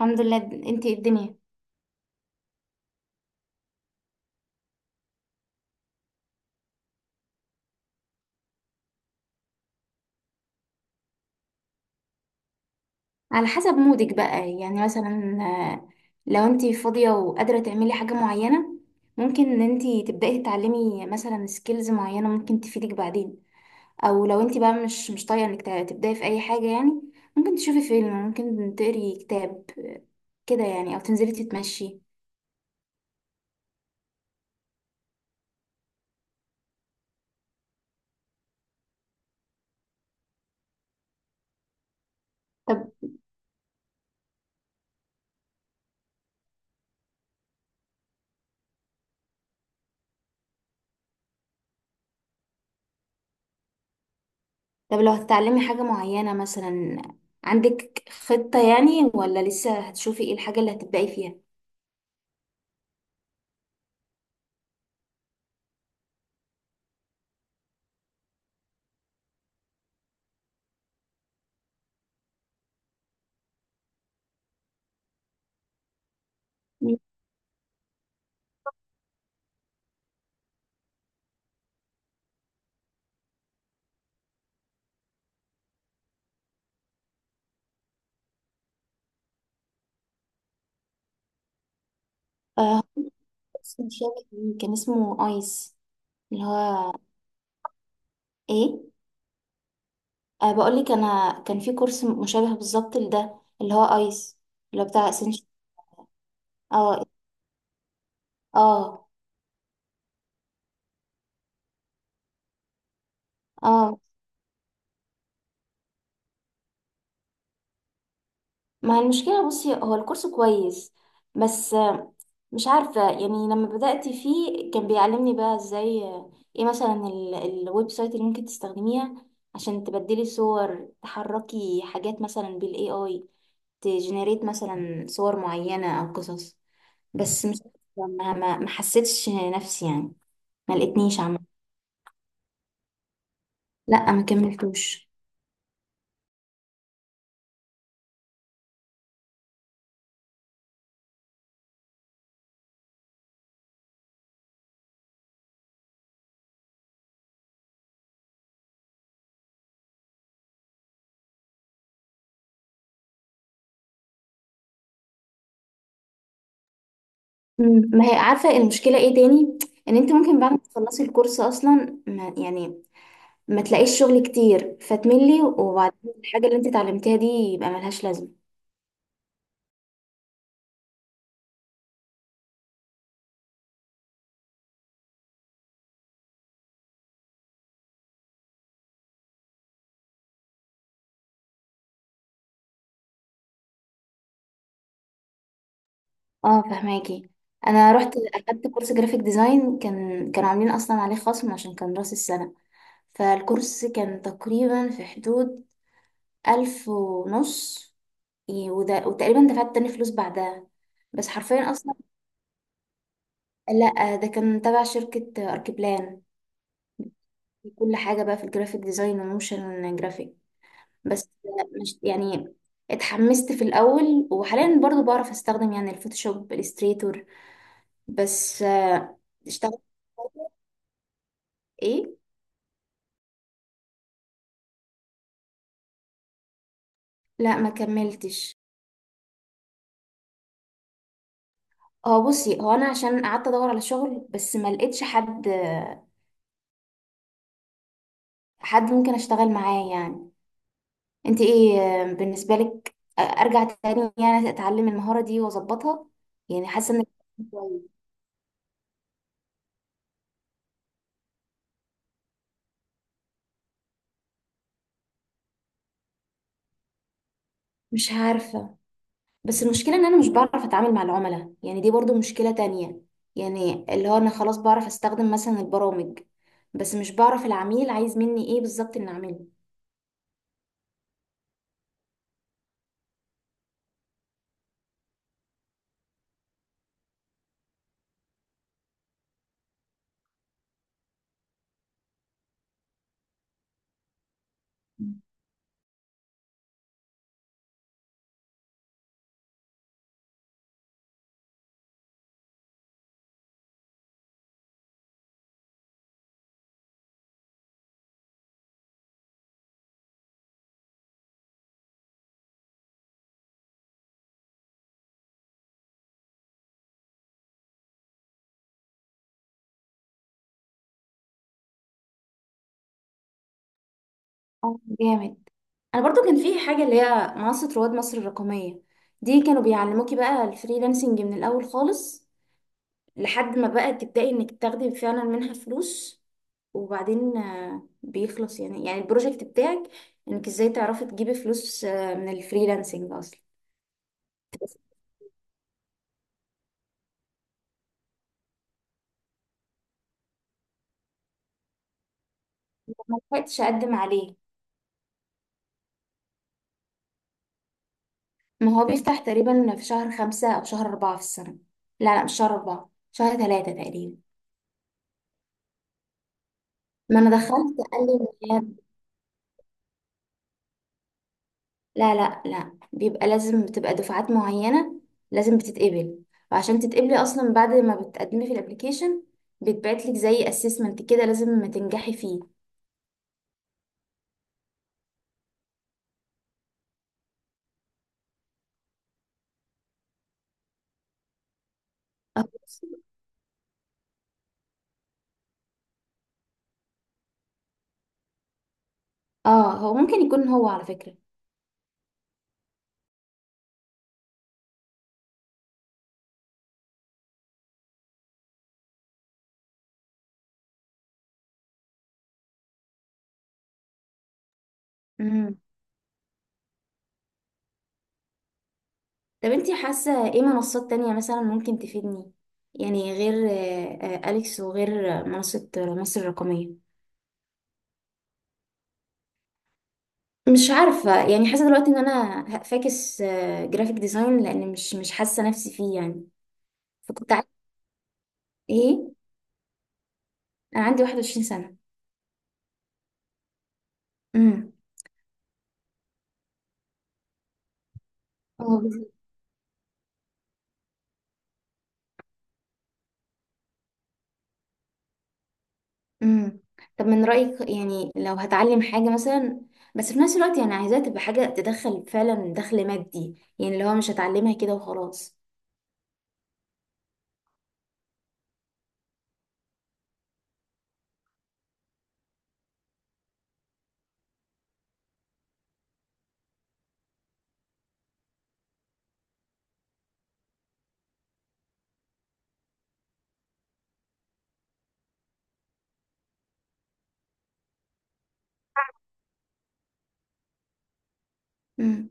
الحمد لله. انتي ايه الدنيا؟ على حسب مودك بقى، يعني مثلا لو انتي فاضية وقادرة تعملي حاجة معينة، ممكن ان انتي تبدأي تتعلمي مثلا سكيلز معينة ممكن تفيدك بعدين. او لو انتي بقى مش طايقة انك تبدأي في اي حاجة يعني، ممكن تشوفي فيلم، ممكن تقري كتاب، كده يعني، او تنزلي تتمشي. طب طب لو هتتعلمي حاجة معينة مثلا، عندك خطة يعني ولا لسه هتشوفي ايه الحاجة اللي هتبدأي فيها؟ اسم شابك ليه كان اسمه ايس، اللي هو ايه. أه، بقول لك انا كان في كورس مشابه بالظبط لده، اللي هو ايس، اللي هو بتاع اسنشن. اه، اه، اه. ما المشكله، بصي، هو الكورس كويس بس مش عارفه يعني. لما بدات فيه كان بيعلمني بقى ازاي ايه مثلا الويب سايت اللي ممكن تستخدميها عشان تبدلي صور، تحركي حاجات مثلا بالاي اي، تجنريت مثلا صور معينه او قصص. بس مش، ما، ما حسيتش نفسي يعني، ما لقيتنيش عامة. لا، ما كملتوش. مم. ما هي عارفة المشكلة ايه تاني، ان انت ممكن بعد ما تخلصي الكورس اصلا ما يعني ما تلاقيش شغل كتير فتملي، وبعدين الحاجة اللي انت اتعلمتيها دي يبقى ملهاش لازمة. اه، فهماكي. انا رحت اخدت كورس جرافيك ديزاين، كانوا عاملين اصلا عليه خصم عشان كان راس السنة، فالكورس كان تقريبا في حدود ألف ونص. إيه، وده وتقريبا دفعت تاني فلوس بعدها بس حرفيا أصلا. لأ، ده كان تبع شركة أركيبلان، كل حاجة بقى في الجرافيك ديزاين وموشن جرافيك. بس مش يعني، اتحمست في الأول، وحاليا برضو بعرف أستخدم يعني الفوتوشوب، الإليستريتور، بس اشتغلت ايه. لا، ما كملتش. هو بصي، هو انا عشان قعدت ادور على شغل بس ما لقيتش حد، حد ممكن اشتغل معاه يعني. انت ايه بالنسبة لك، ارجع تاني يعني اتعلم المهارة دي واظبطها؟ يعني حاسة انك كويس. مش عارفة، بس المشكلة ان انا مش بعرف اتعامل مع العملاء، يعني دي برضو مشكلة تانية. يعني اللي هو انا خلاص بعرف استخدم مثلا البرامج، بس مش بعرف العميل عايز مني ايه بالظبط ان اعمله. اه جامد. انا برضو كان في حاجة اللي هي منصة رواد مصر الرقمية، دي كانوا بيعلموكي بقى الفريلانسنج من الاول خالص لحد ما بقى تبدأي انك تاخدي فعلا منها فلوس، وبعدين بيخلص يعني، يعني البروجكت بتاعك، انك ازاي تعرفي تجيبي فلوس من الفريلانسنج اصلا. ما لحقتش اقدم عليه. ما هو بيفتح تقريبا في شهر خمسة او شهر اربعة في السنة. لا لا، مش شهر اربعة، شهر ثلاثة تقريبا. ما انا دخلت قال لي لا لا لا، بيبقى لازم بتبقى دفعات معينة لازم بتتقبل، وعشان تتقبلي أصلا بعد ما بتقدمي في الابليكيشن بيتبعتلك زي assessment كده لازم تنجحي فيه. اه، هو ممكن يكون هو على فكرة. مم. طب انتي حاسة ايه منصات تانية مثلا ممكن تفيدني، يعني غير أليكس وغير منصة مصر الرقمية؟ مش عارفة يعني، حاسة دلوقتي ان انا فاكس جرافيك ديزاين لان مش حاسة نفسي فيه يعني. فكنت عايزة ايه. انا عندي 21 سنة. امم. اه بالظبط. امم. طب من رأيك يعني لو هتعلم حاجة مثلا، بس في نفس الوقت يعني عايزاها تبقى حاجة تدخل فعلا دخل مادي، يعني اللي هو مش هتعلمها كده وخلاص. امم.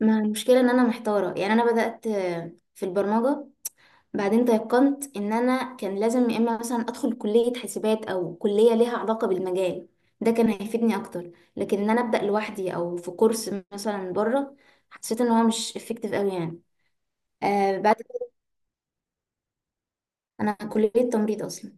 ما المشكلة ان انا محتارة يعني. انا بدأت في البرمجة، بعدين تيقنت ان انا كان لازم يا اما مثلا ادخل كلية حسابات او كلية ليها علاقة بالمجال، ده كان هيفيدني اكتر. لكن ان انا ابدأ لوحدي او في كورس مثلا بره، حسيت ان هو مش افكتيف قوي يعني. آه بعد. انا كليه تمريض اصلا.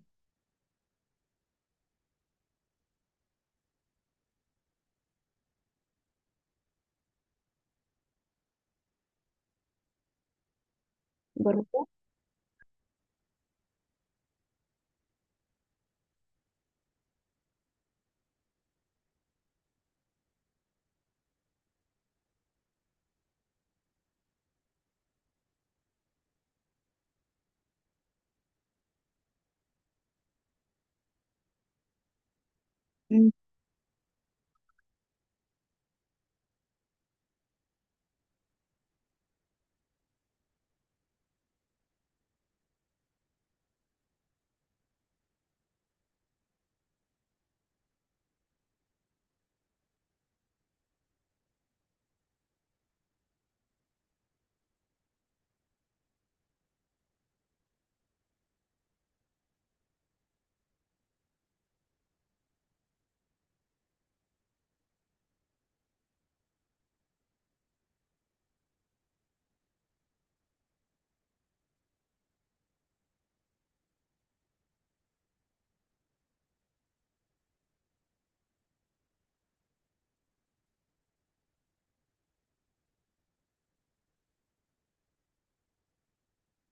برضه. مم.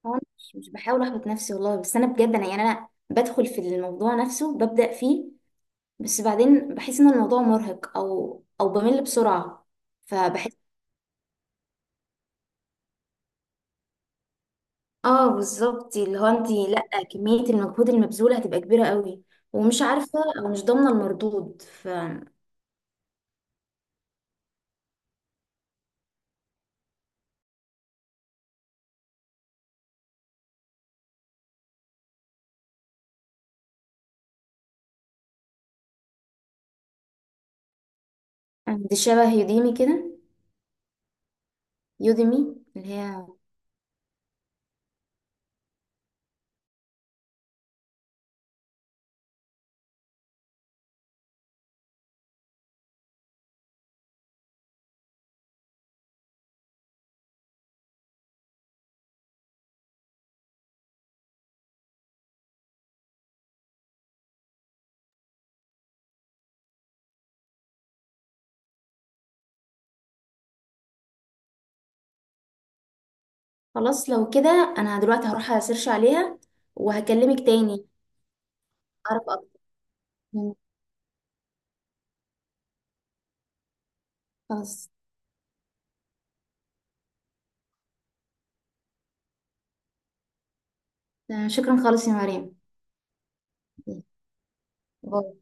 هو أنا مش بحاول احبط نفسي والله، بس انا بجد انا يعني انا بدخل في الموضوع نفسه ببدأ فيه، بس بعدين بحس ان الموضوع مرهق، او بمل بسرعة. فبحس، اه بالظبط اللي هو انت لا، كمية المجهود المبذول هتبقى كبيرة قوي، ومش عارفة او مش ضامنة المردود، ف دي شبه يوديمي كده. يوديمي. اللي هي، خلاص. لو كده انا دلوقتي هروح اسيرش عليها وهكلمك تاني. اعرف اكتر. مم. خلاص، شكرا خالص يا مريم. باي.